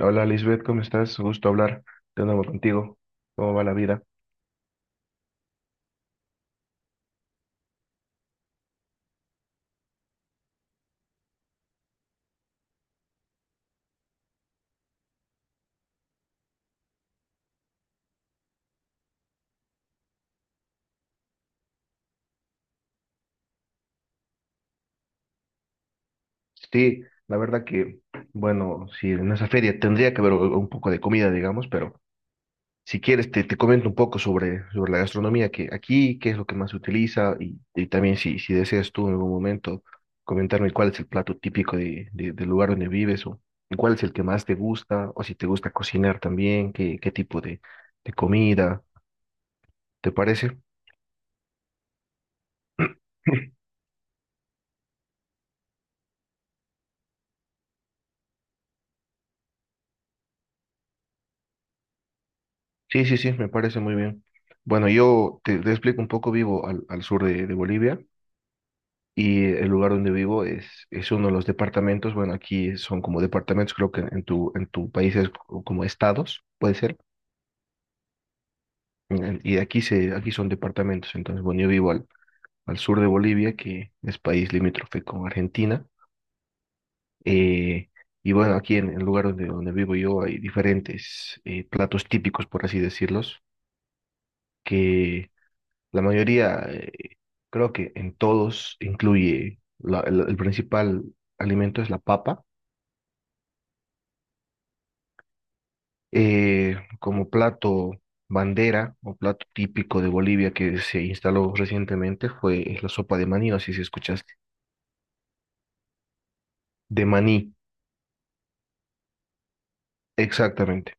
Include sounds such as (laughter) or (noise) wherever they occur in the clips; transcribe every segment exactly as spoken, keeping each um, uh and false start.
Hola Lisbeth, ¿cómo estás? Gusto hablar de nuevo contigo. ¿Cómo va la vida? Sí, la verdad que, bueno, si en esa feria tendría que haber u- un poco de comida, digamos, pero si quieres te, te comento un poco sobre, sobre la gastronomía, que aquí, qué es lo que más se utiliza y, y también si, si deseas tú en algún momento comentarme cuál es el plato típico de, de- del lugar donde vives o cuál es el que más te gusta o si te gusta cocinar también, qué, qué tipo de, de comida, ¿te parece? (clears throat) Sí, sí, sí, me parece muy bien. Bueno, yo te, te explico un poco, vivo al, al sur de, de Bolivia y el lugar donde vivo es, es uno de los departamentos, bueno, aquí son como departamentos, creo que en tu, en tu país es co- como estados, puede ser, en- y aquí, se, aquí son departamentos, entonces, bueno, yo vivo al, al sur de Bolivia, que es país limítrofe con Argentina, eh, y bueno, aquí en el lugar donde, donde vivo yo hay diferentes eh, platos típicos, por así decirlos. La mayoría, eh, creo que en todos incluye la- el, el principal alimento es la papa, eh, como plato bandera o plato típico de Bolivia que se instaló recientemente fue la sopa de maní, no sé si escuchaste, de maní, exactamente.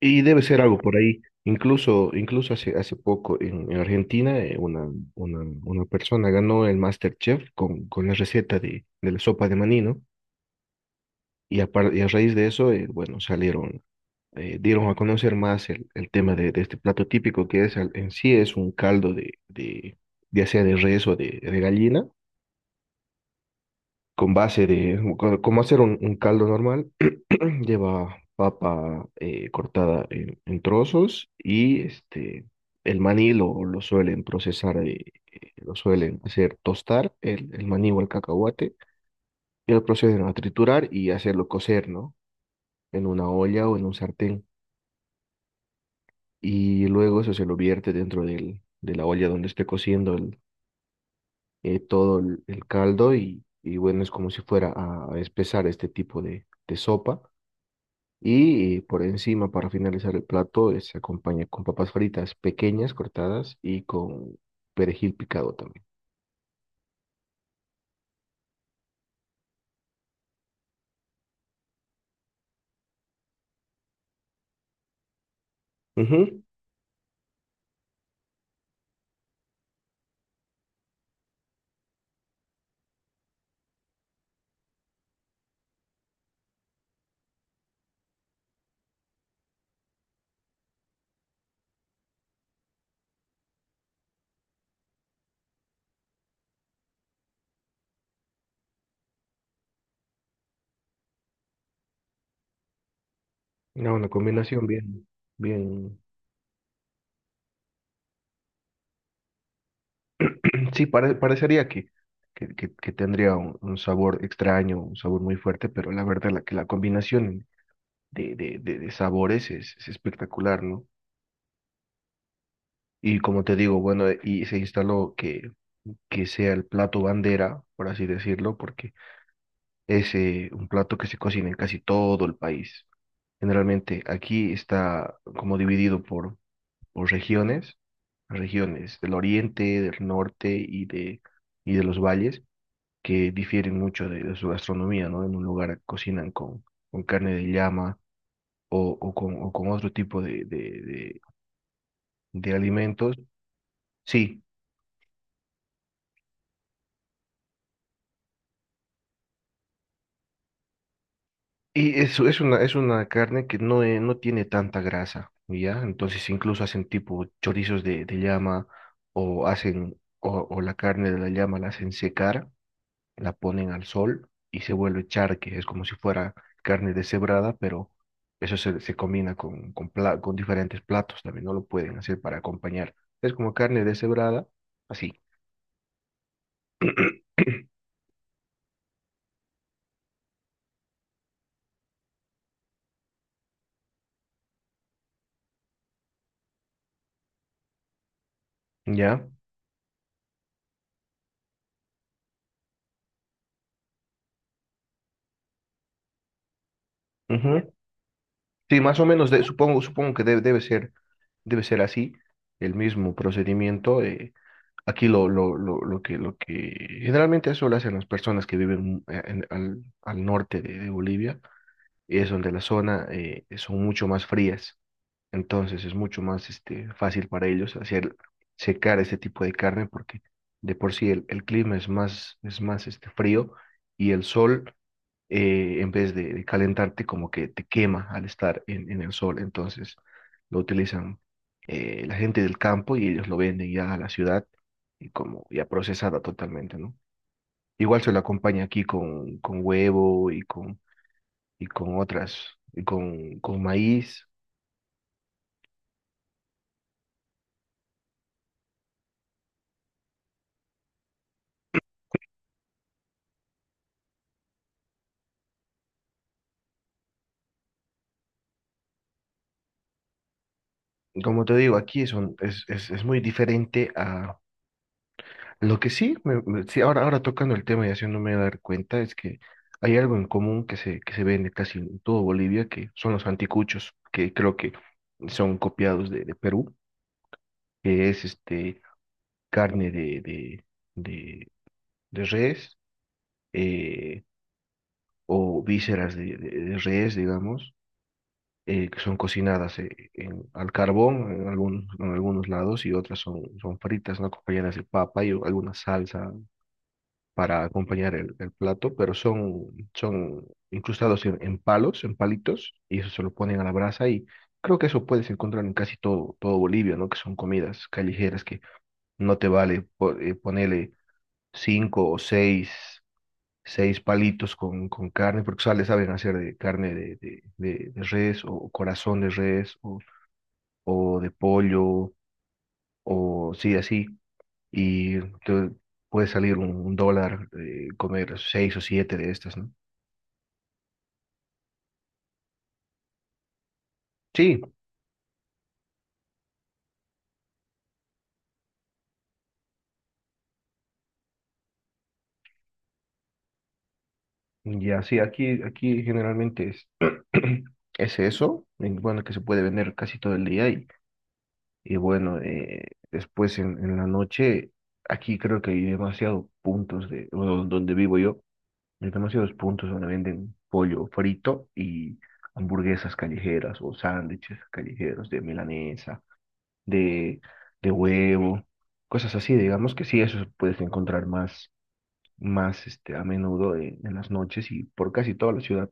Y debe ser algo por ahí. Incluso, incluso hace, hace poco en, en Argentina eh, una, una, una persona ganó el MasterChef con, con la receta de, de la sopa de maní, ¿no? Y a, par- y a raíz de eso, eh, bueno, salieron eh, dieron a conocer más el, el tema de, de este plato típico que es al- en sí es un caldo de, de ya sea de res o de, de gallina, con base de, co- como hacer un, un caldo normal, (clears throat) lleva papa eh, cortada en, en trozos y este, el maní lo, lo suelen procesar, eh, eh, lo suelen hacer tostar, el, el maní o el cacahuate, y lo proceden a triturar y hacerlo cocer, ¿no? En una olla o en un sartén. Y luego eso se lo vierte dentro del, de la olla donde esté cociendo el, eh, todo el, el caldo y, y bueno, es como si fuera a, a espesar este tipo de, de sopa y eh, por encima para finalizar el plato eh, se acompaña con papas fritas pequeñas cortadas y con perejil picado también. Ujú. No, una combinación bien, bien, (clears throat) sí, pare- parecería que... Que, que- que tendría un, un sabor extraño, un sabor muy fuerte, pero la verdad la, que la combinación de, de, de, de sabores es, es espectacular, ¿no? Y como te digo, bueno, y se instaló que, que sea el plato bandera, por así decirlo, porque es eh, un plato que se cocina en casi todo el país. Generalmente aquí está como dividido por, por regiones, regiones del oriente, del norte y de, y de los valles, que difieren mucho de, de su gastronomía, ¿no? En un lugar cocinan con, con carne de llama o, o con, o con otro tipo de, de, de alimentos. Sí, y eso es una, es una carne que no, eh, no tiene tanta grasa, ¿ya? Entonces incluso hacen tipo chorizos de, de llama o hacen, o, o la carne de la llama la hacen secar, la ponen al sol y se vuelve charque, es como si fuera carne deshebrada, pero eso se, se combina con, con, pla- con diferentes platos también, no lo pueden hacer para acompañar. Es como carne deshebrada, así, ¿ya? Ujú. Sí, más o menos, de- supongo, supongo que debe, debe ser. Debe ser así, el mismo procedimiento. eh, aquí lo, lo, lo, lo que, lo que generalmente eso lo hacen las personas que viven eh, en- al, al norte de, de Bolivia, y es donde la zona eh, son mucho más frías. Entonces es mucho más este, fácil para ellos hacer secar este tipo de carne porque de por sí el, el clima es más, es más este, frío y el sol, eh, en vez de, de calentarte, como que te quema al estar en, en el sol. Entonces lo utilizan eh, la gente del campo y ellos lo venden ya a la ciudad y como ya procesada totalmente, ¿no? Igual se lo acompaña aquí con, con huevo y con, y con otras, y con, con maíz. Como te digo, aquí son, es, es, es muy diferente a lo que sí, me- me- sí, ahora, ahora tocando el tema y haciéndome dar cuenta, es que hay algo en común que se, que se vende casi en todo Bolivia, que son los anticuchos, que creo que son copiados de, de Perú, que es este carne de, de, de, de res eh, o vísceras de, de- de res, digamos, eh, que son cocinadas eh, en- al carbón en, algunos en algunos lados y otras son, son fritas, ¿no? Acompañadas de papa y o- alguna salsa para acompañar el, el plato, pero son, son incrustados en, en palos, en palitos, y eso se lo ponen a la brasa y creo que eso puedes encontrar en casi todo, todo Bolivia, ¿no? Que son comidas callejeras que no te vale po- eh, ponerle cinco o seis. Seis palitos con, con carne, porque o sea, le saben hacer de carne de, de, de- de res o corazón de res o de pollo, o sí, así, y te puede salir un, un dólar eh, comer seis o siete de estas, ¿no? Sí, ya, sí, aquí, aquí generalmente es, (clears throat) es eso, en- bueno, que se puede vender casi todo el día y, y bueno, eh, después en, en la noche, aquí creo que hay demasiados puntos de, o donde vivo yo, hay demasiados puntos donde venden pollo frito y hamburguesas callejeras o sándwiches callejeros de milanesa de, de huevo, cosas así, digamos que sí, eso puedes encontrar más, más este, a menudo en, en las noches y por casi toda la ciudad.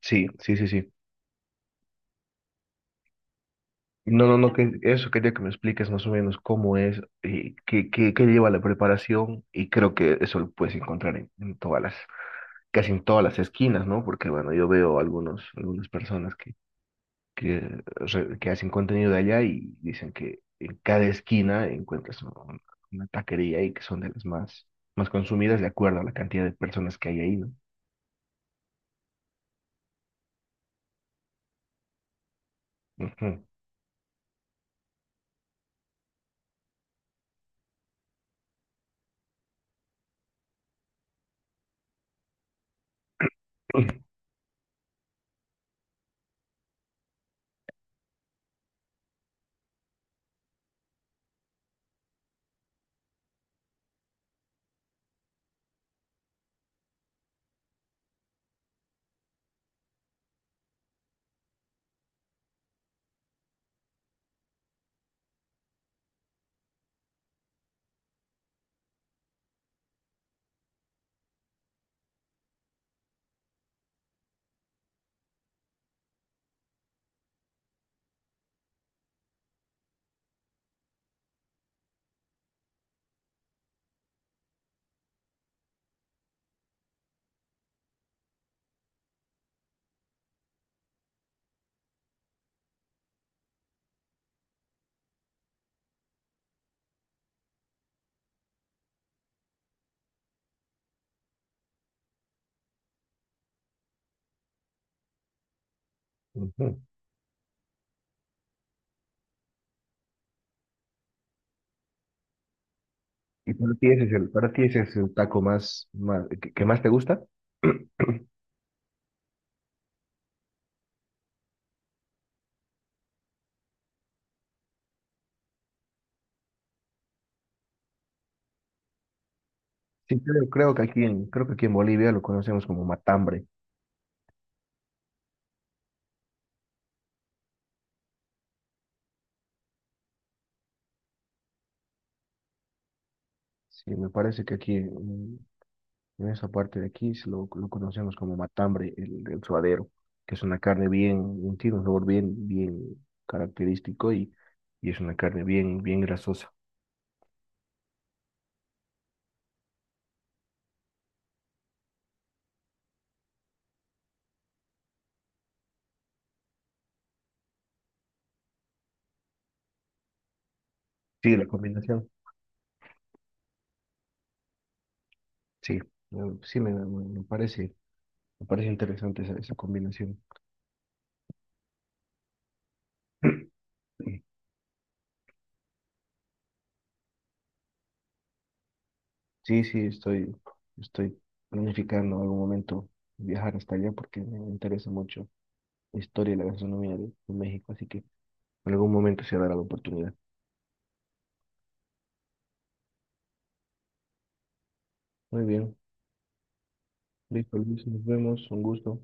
Sí, sí, sí, sí. No, no, no, que eso quería que me expliques más o menos cómo es, eh, qué, qué, qué lleva la preparación y creo que eso lo puedes encontrar en, en todas las, casi en todas las esquinas, ¿no? Porque bueno, yo veo algunos, algunas personas que que, re- que hacen contenido de allá y dicen que en cada esquina encuentras un- una taquería y que son de las más, más consumidas de acuerdo a la cantidad de personas que hay ahí, ¿no? Ujú, ujú. ¿Y para ti ese es el, para ti ese es el taco más, más que, que más te gusta? (clears throat) Sí, creo, creo que aquí en, creo que aquí en Bolivia lo conocemos como matambre. Sí, me parece que aquí, en esa parte de aquí se lo, lo conocemos como matambre, el, el suadero, que es una carne bien, bien- tiene un sabor bien, bien característico y, y es una carne bien, bien grasosa. Sí, la combinación. Sí, eh, sí me, me- me parece, me parece interesante esa, esa combinación. (clears throat) Sí, sí, estoy, estoy planificando en algún momento viajar hasta allá porque me interesa mucho la historia y la gastronomía de, de México, así que en algún momento se dará la oportunidad. Muy bien, listo, Luis, nos vemos, un gusto.